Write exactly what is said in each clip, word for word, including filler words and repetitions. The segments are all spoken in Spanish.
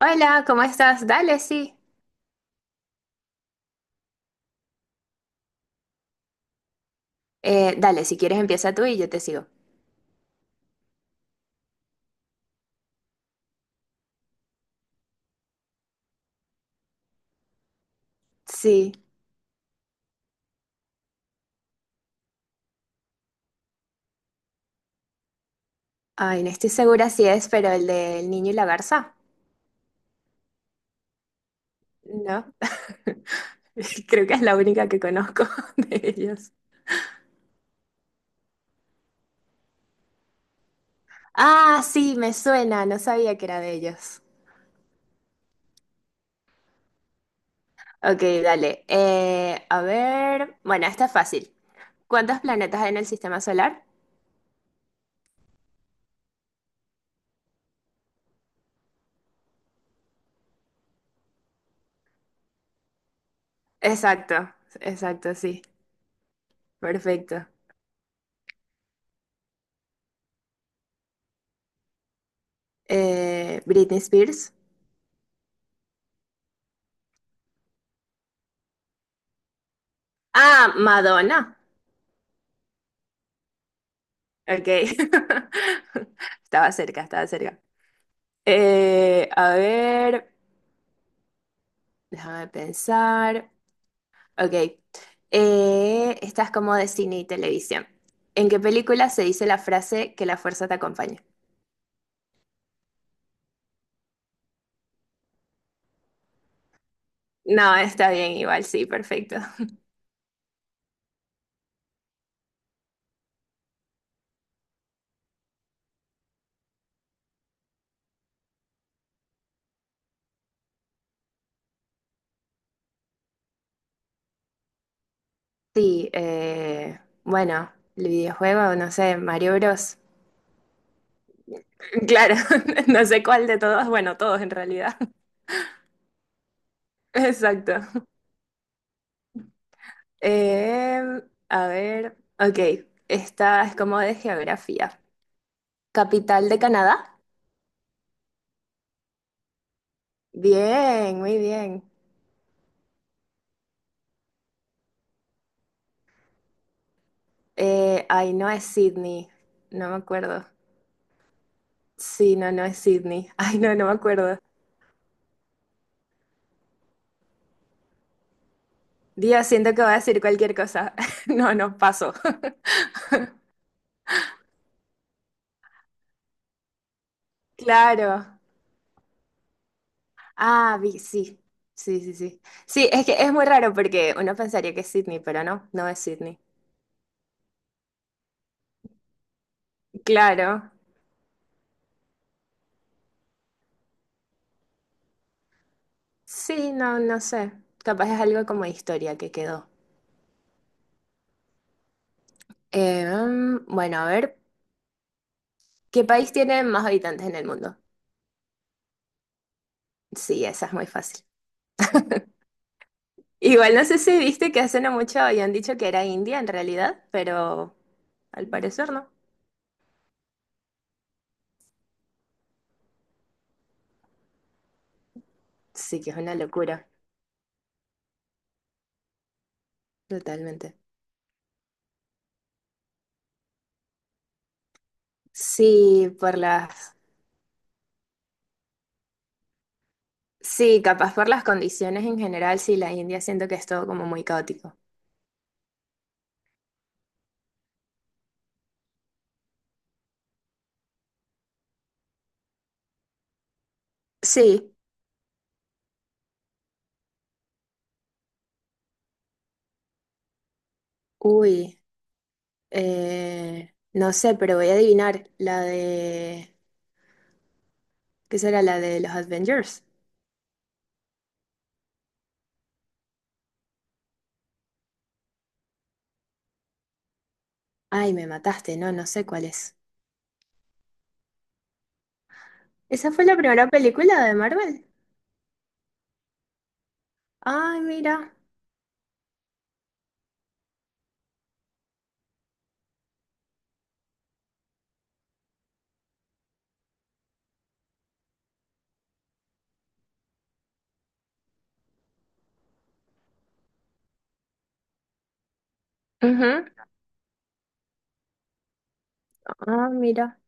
Hola, ¿cómo estás? Dale, sí. Eh, dale, si quieres empieza tú y yo te sigo. Sí. Ay, no estoy segura si es, pero el del niño y la garza. No. Creo que es la única que conozco de ellos. Ah, sí, me suena, no sabía que era de ellos. Ok, dale. Eh, a ver. Bueno, esta es fácil. ¿Cuántos planetas hay en el sistema solar? Exacto, exacto, sí. Perfecto. Eh, Britney Spears. Ah, Madonna. Ok. Estaba cerca, estaba cerca. Eh, a ver, déjame pensar. Ok. Eh, esta es como de cine y televisión. ¿En qué película se dice la frase que la fuerza te acompaña? No, está bien, igual, sí, perfecto. Sí, eh, bueno, el videojuego, no sé, Mario Bros. Claro, no sé cuál de todos, bueno, todos en realidad. Exacto. Em, a ver, ok, esta es como de geografía. Capital de Canadá. Bien, muy bien. Eh, ay, no es Sydney, no me acuerdo. Sí, no, no es Sydney. Ay, no, no me acuerdo. Dios, siento que voy a decir cualquier cosa. No, no, paso. Claro. Ah, vi- sí, sí, sí, sí. Sí, es que es muy raro porque uno pensaría que es Sydney, pero no, no es Sydney. Claro. Sí, no, no sé. Capaz es algo como de historia que quedó. Eh, mm, bueno, a ver, ¿qué país tiene más habitantes en el mundo? Sí, esa es muy fácil. Igual no sé si viste que hace no mucho habían dicho que era India en realidad, pero al parecer no. Sí, que es una locura, totalmente. Sí, por las... Sí, capaz por las condiciones en general, sí, la India siento que es todo como muy caótico. Sí, uy, eh, no sé, pero voy a adivinar la de... ¿Qué será la de los Avengers? Ay, me mataste, no, no sé cuál es. ¿Esa fue la primera película de Marvel? Ay, mira. Ujú. Ah, mira.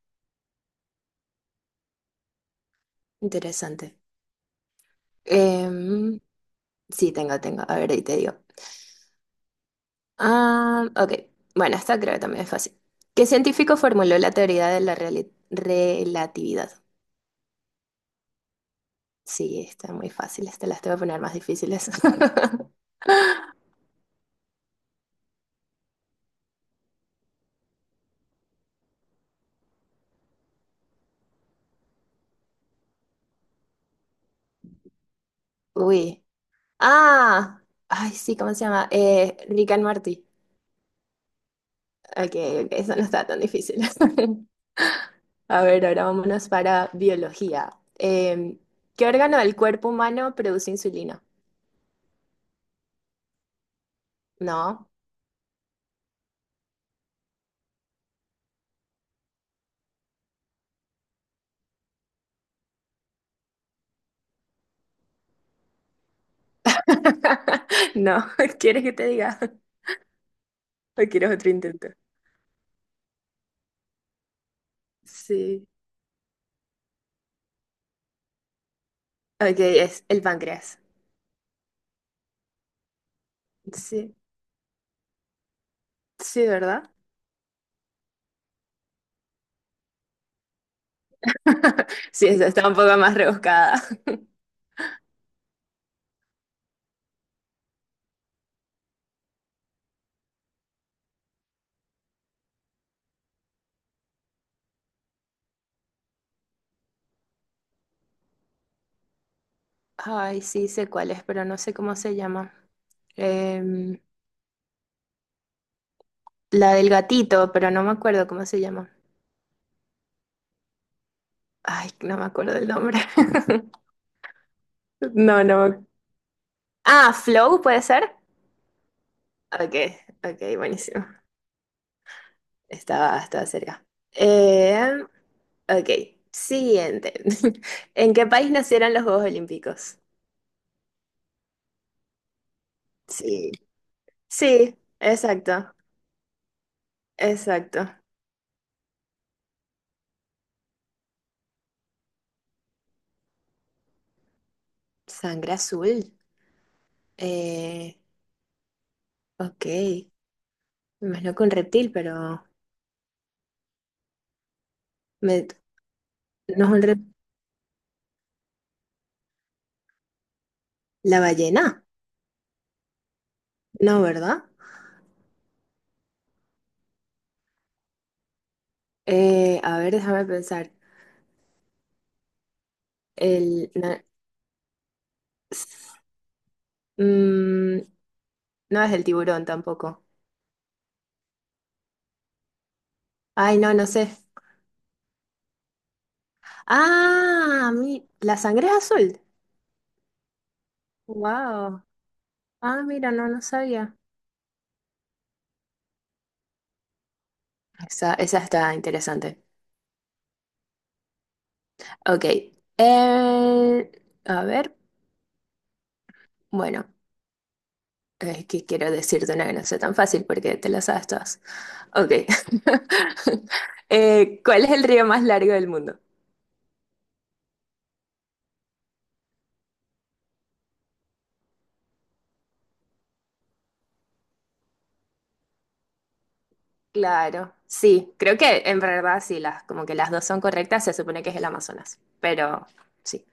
Interesante. Em, sí, tengo, tengo. A ver, ahí te digo. Ah, ok. Bueno, esta creo que también es fácil. ¿Qué científico formuló la teoría de la reali- relatividad? Sí, está muy fácil. Te las te voy a poner más difíciles. Uy. Ah. Ay, sí, ¿cómo se llama? Eh, Rick and Morty. Ok, ok, eso no está tan difícil. A ver, ahora vámonos para biología. Em, ¿Qué órgano del cuerpo humano produce insulina? No. No, ¿quieres que te diga? ¿O quieres otro intento? Sí. Ok, es el páncreas. Sí, sí, ¿verdad? Sí, esa está un poco más rebuscada. Ay, sí, sé cuál es, pero no sé cómo se llama. Em, la del gatito, pero no me acuerdo cómo se llama. Ay, no me acuerdo el nombre. No, no. me Ah, Flow, ¿puede ser? Ok, ok, buenísimo. Estaba, estaba cerca. Eh, ok, siguiente. ¿En qué país nacieron los Juegos Olímpicos? Sí. Sí, exacto, exacto. Sangre azul. Eh, ok, me imagino que un reptil, pero me- no es un reptil. La ballena, no, ¿verdad? Eh, a ver, déjame pensar. El, na- mm, no es el tiburón tampoco. Ay, no, no sé. Ah, mi- la sangre es azul. Wow. Ah, mira, no, no sabía. Esa, esa está interesante. Ok. eh, a ver, bueno, es que quiero decirte una que no sea tan fácil porque te la sabes todas. Ok. Eh, ¿cuál es el río más largo del mundo? Claro, sí, creo que en verdad sí, las, como que las dos son correctas, se supone que es el Amazonas, pero sí,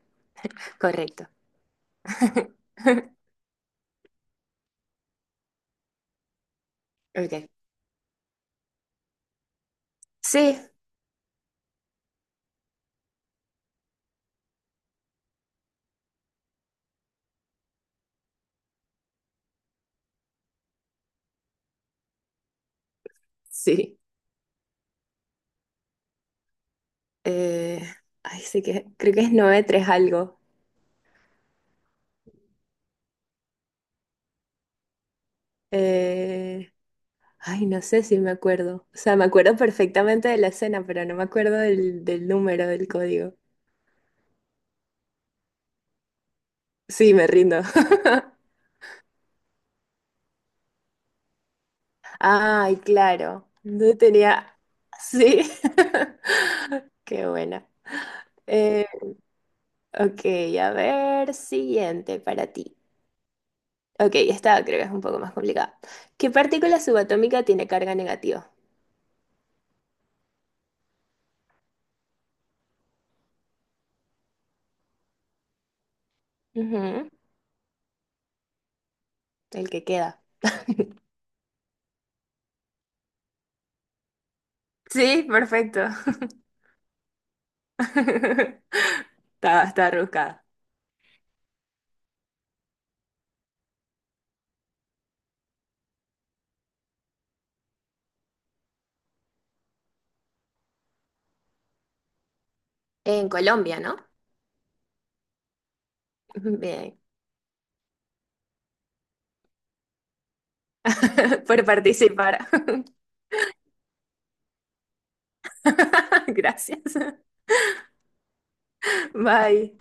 correcto. Ok. Sí, sí. Eh, Ay, sí que creo que es nueve tres algo. Eh, Ay, no sé si me acuerdo. O sea, me acuerdo perfectamente de la escena, pero no me acuerdo del, del número del código. Sí, me rindo. Ay, claro. No tenía. Sí. Qué buena. Eh, ok, a ver, siguiente para ti. Ok, esta creo que es un poco más complicada. ¿Qué partícula subatómica tiene carga negativa? Ujú, el que queda. Sí, perfecto. Está, está rebuscada. En Colombia, ¿no? Bien. Por participar. Gracias. Bye.